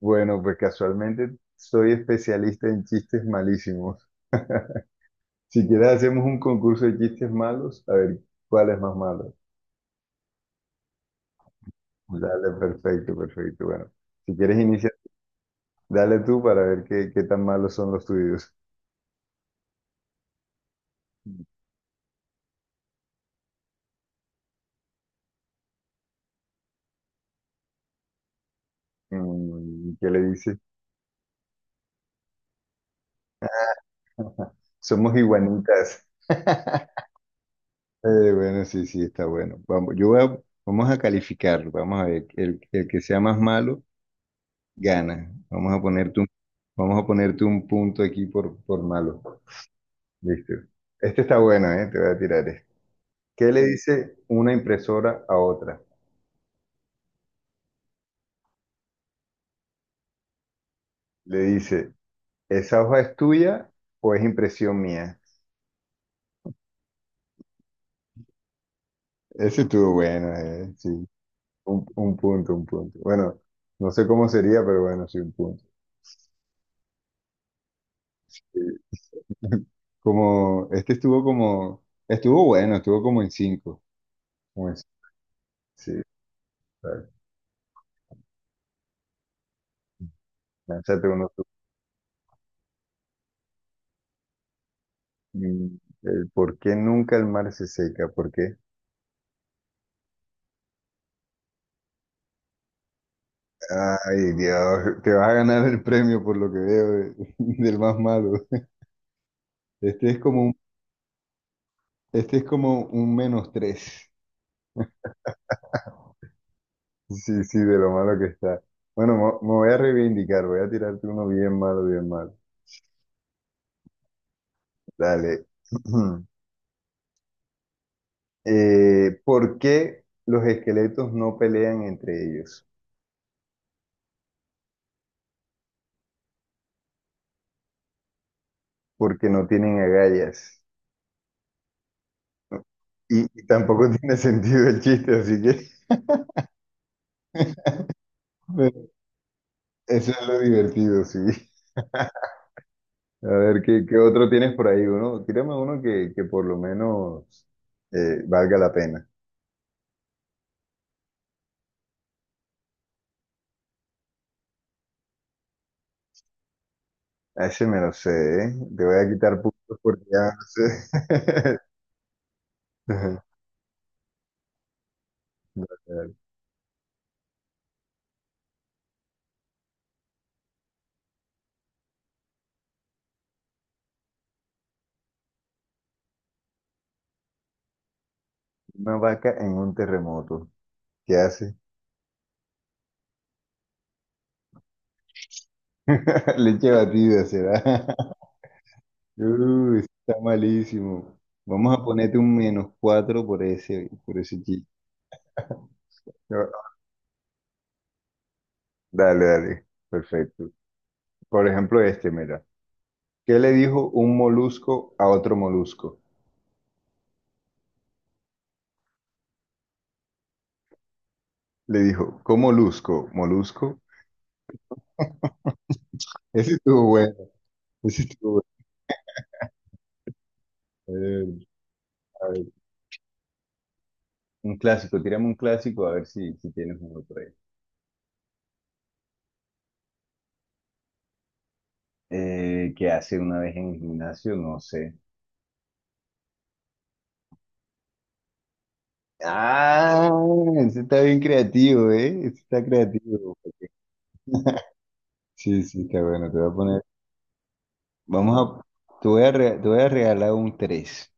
Bueno, pues casualmente soy especialista en chistes malísimos. Si quieres hacemos un concurso de chistes malos, a ver cuál es más malo. Dale, perfecto, perfecto. Bueno, si quieres iniciar, dale tú para ver qué tan malos son los tuyos. Mm, ¿qué le dices? Somos iguanitas. Bueno, sí, sí, está bueno. Vamos, vamos a calificarlo. Vamos a ver, el que sea más malo, gana. Vamos a ponerte un punto aquí por malo. Listo. Este está bueno, ¿eh? Te voy a tirar este. ¿Qué le dice una impresora a otra? Le dice, ¿esa hoja es tuya o es impresión mía? Ese estuvo bueno, ¿eh? Sí. Un punto, un punto. Bueno, no sé cómo sería, pero bueno, sí, un punto. Sí. Como, este estuvo como, estuvo bueno, estuvo como en cinco. Como en, sí, claro. Lánzate uno. Mm, el por qué nunca el mar se seca, ¿por qué? Ay, Dios, te vas a ganar el premio por lo que veo del más malo. Este es como un, este es como un menos tres. Sí, sí, de lo malo que está. Bueno, me voy a reivindicar, voy a tirarte uno bien malo, bien malo. Dale. ¿Por qué los esqueletos no pelean entre ellos? Porque no tienen agallas. Y tampoco tiene sentido el chiste, así que... Pero Eso es lo divertido, sí. A ver, ¿qué otro tienes por ahí? Uno, tírame uno que por lo menos valga la pena. A ese me lo sé, ¿eh? Te voy a quitar puntos porque ya no sé. Ajá. Una vaca en un terremoto. ¿Qué hace? Leche batida será. Uy, está malísimo. Vamos a ponerte un menos cuatro por ese chiste. No. Dale, dale. Perfecto. Por ejemplo, este, mira. ¿Qué le dijo un molusco a otro molusco? Le dijo, ¿cómo molusco? ¿Molusco? Ese estuvo bueno, ese estuvo bueno. A ver, un clásico, tirame un clásico a ver si tienes uno por ahí. ¿Qué hace una vez en el gimnasio? No sé. Ah, ese está bien creativo, ¿eh? Ese está creativo. Sí, sí, está bueno, te voy a poner. Vamos a, te voy a, re- Te voy a regalar un tres.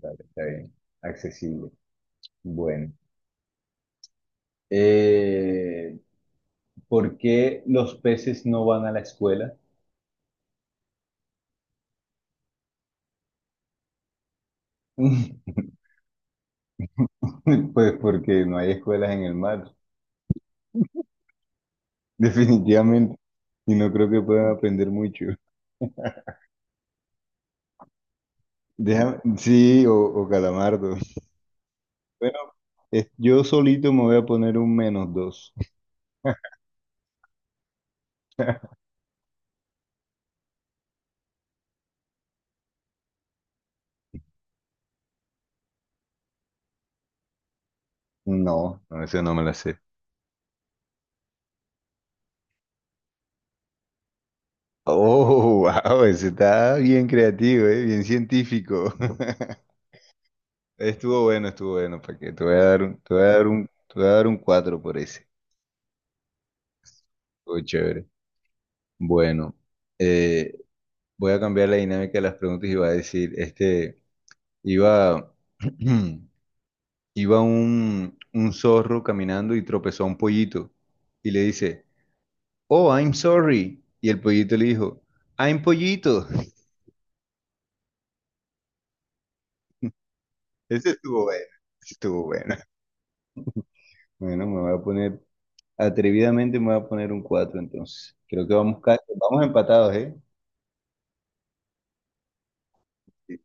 Dale, está bien, accesible. Bueno. Eh, ¿Por qué los peces no van a la escuela? Pues porque no hay escuelas en el mar, definitivamente. Y no creo que puedan aprender mucho. Déjame, sí, o calamardo. Bueno, yo solito me voy a poner un menos dos. No, no, ese no me la sé. Oh, wow, ese está bien creativo, bien científico. Estuvo bueno, ¿para que? Te voy a dar un cuatro por ese. Estuvo chévere. Bueno, eh, voy a cambiar la dinámica de las preguntas y va a decir, iba, iba un, zorro caminando y tropezó a un pollito y le dice, oh, I'm sorry. Y el pollito le dijo, I'm pollito. Ese estuvo bueno, ese estuvo bueno. Bueno, me voy a poner, atrevidamente me voy a poner un 4 entonces. Creo que vamos empatados, ¿eh? Sí,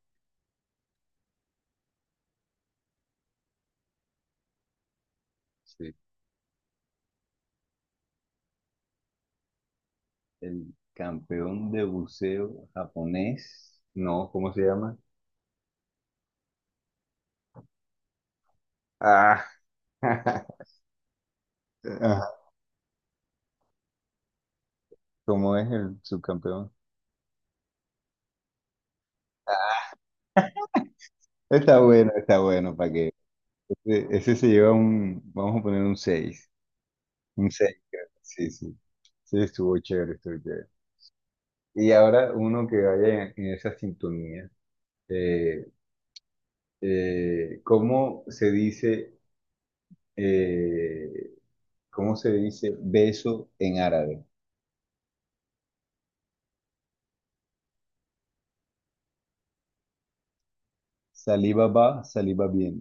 sí. El campeón de buceo japonés, no, ¿cómo se llama? Ah, ajá. ¿Cómo es el subcampeón? Está bueno, ¿para qué? Ese vamos a poner un 6, un 6. Creo. Sí, sí. Sí, estuvo chévere, estuvo chévere. Y ahora uno que vaya en esa sintonía, eh, eh, ¿cómo se dice, eh, ¿cómo se dice beso en árabe? Saliva va, saliva bien.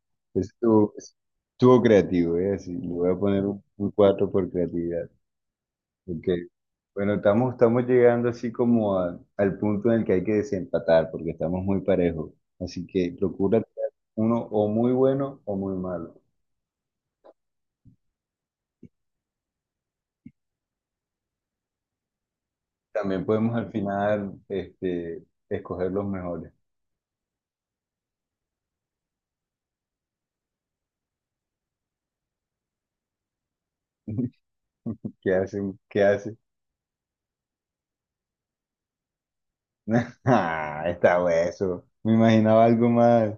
Estuvo creativo, ¿eh? Así, le voy a poner un 4 por creatividad. Ok. Bueno, estamos llegando así como al punto en el que hay que desempatar, porque estamos muy parejos. Así que procura tirar uno o muy bueno o muy malo. También podemos al final escoger los mejores. ¿Qué hacen? ¿Qué hacen? Ah, está hueso. Me imaginaba algo más.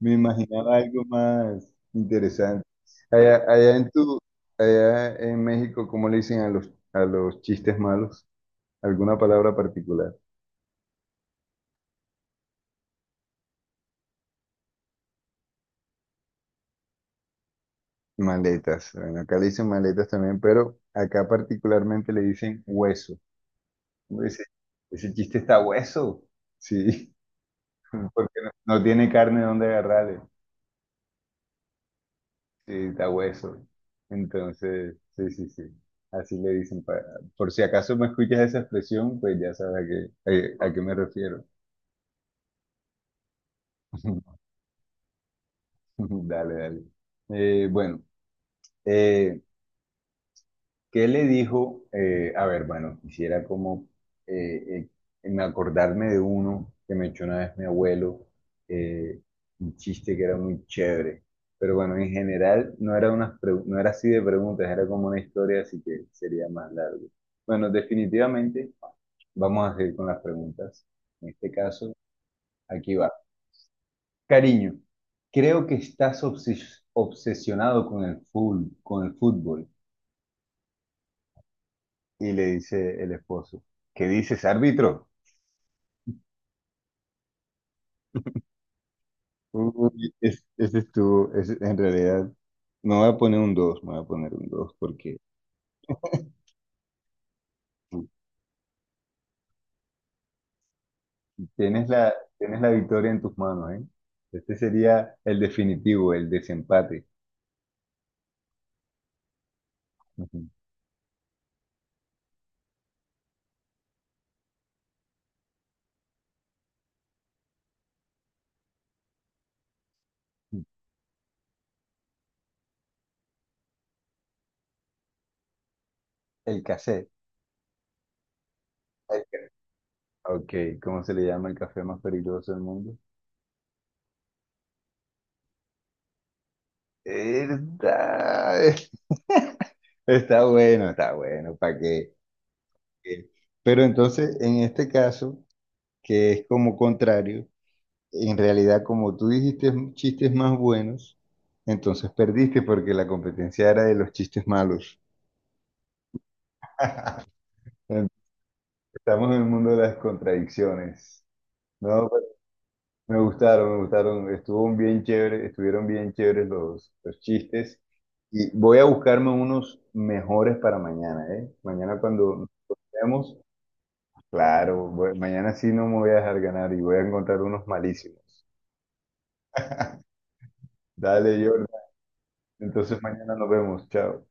Me imaginaba algo más interesante. Allá, allá en tu, allá en México, ¿cómo le dicen a los chistes malos? ¿Alguna palabra particular? Maletas. Bueno, acá le dicen maletas también, pero acá particularmente le dicen hueso. Uno dice, ese chiste está hueso. Sí, porque no tiene carne donde agarrarle. Sí, está hueso. Entonces, sí, sí, sí. Así le dicen. Por si acaso me escuchas esa expresión, pues ya sabes a qué me refiero. Dale, dale. Bueno, eh, ¿Qué le dijo? A ver, bueno, quisiera como eh, me acordarme de uno que me echó una vez mi abuelo, eh, un chiste que era muy chévere. Pero bueno, en general no era así de preguntas, era como una historia, así que sería más largo. Bueno, definitivamente vamos a seguir con las preguntas. En este caso, aquí va. Cariño, creo que estás obsesionado con el fútbol, con el fútbol. Y le dice el esposo, ¿qué dices, árbitro? Uy, en realidad, no voy a poner un dos. Me voy a poner un 2 porque tienes la, tienes la victoria en tus manos, ¿eh? Este sería el definitivo, el desempate. Ujú. El café. El ca- Ok, ¿cómo se le llama el café más peligroso del mundo? Está está bueno, ¿para qué? Eh, Pero entonces, en este caso, que es como contrario, en realidad, como tú dijiste chistes más buenos, entonces perdiste porque la competencia era de los chistes malos. Estamos en el mundo de las contradicciones. No, pues, me gustaron, me gustaron. Estuvo bien chévere, estuvieron bien chéveres los chistes. Y voy a buscarme unos mejores para mañana, ¿eh? Mañana cuando nos veamos, claro, mañana sí no me voy a dejar ganar y voy a encontrar unos malísimos. Dale, Jordan. Entonces mañana nos vemos. Chao.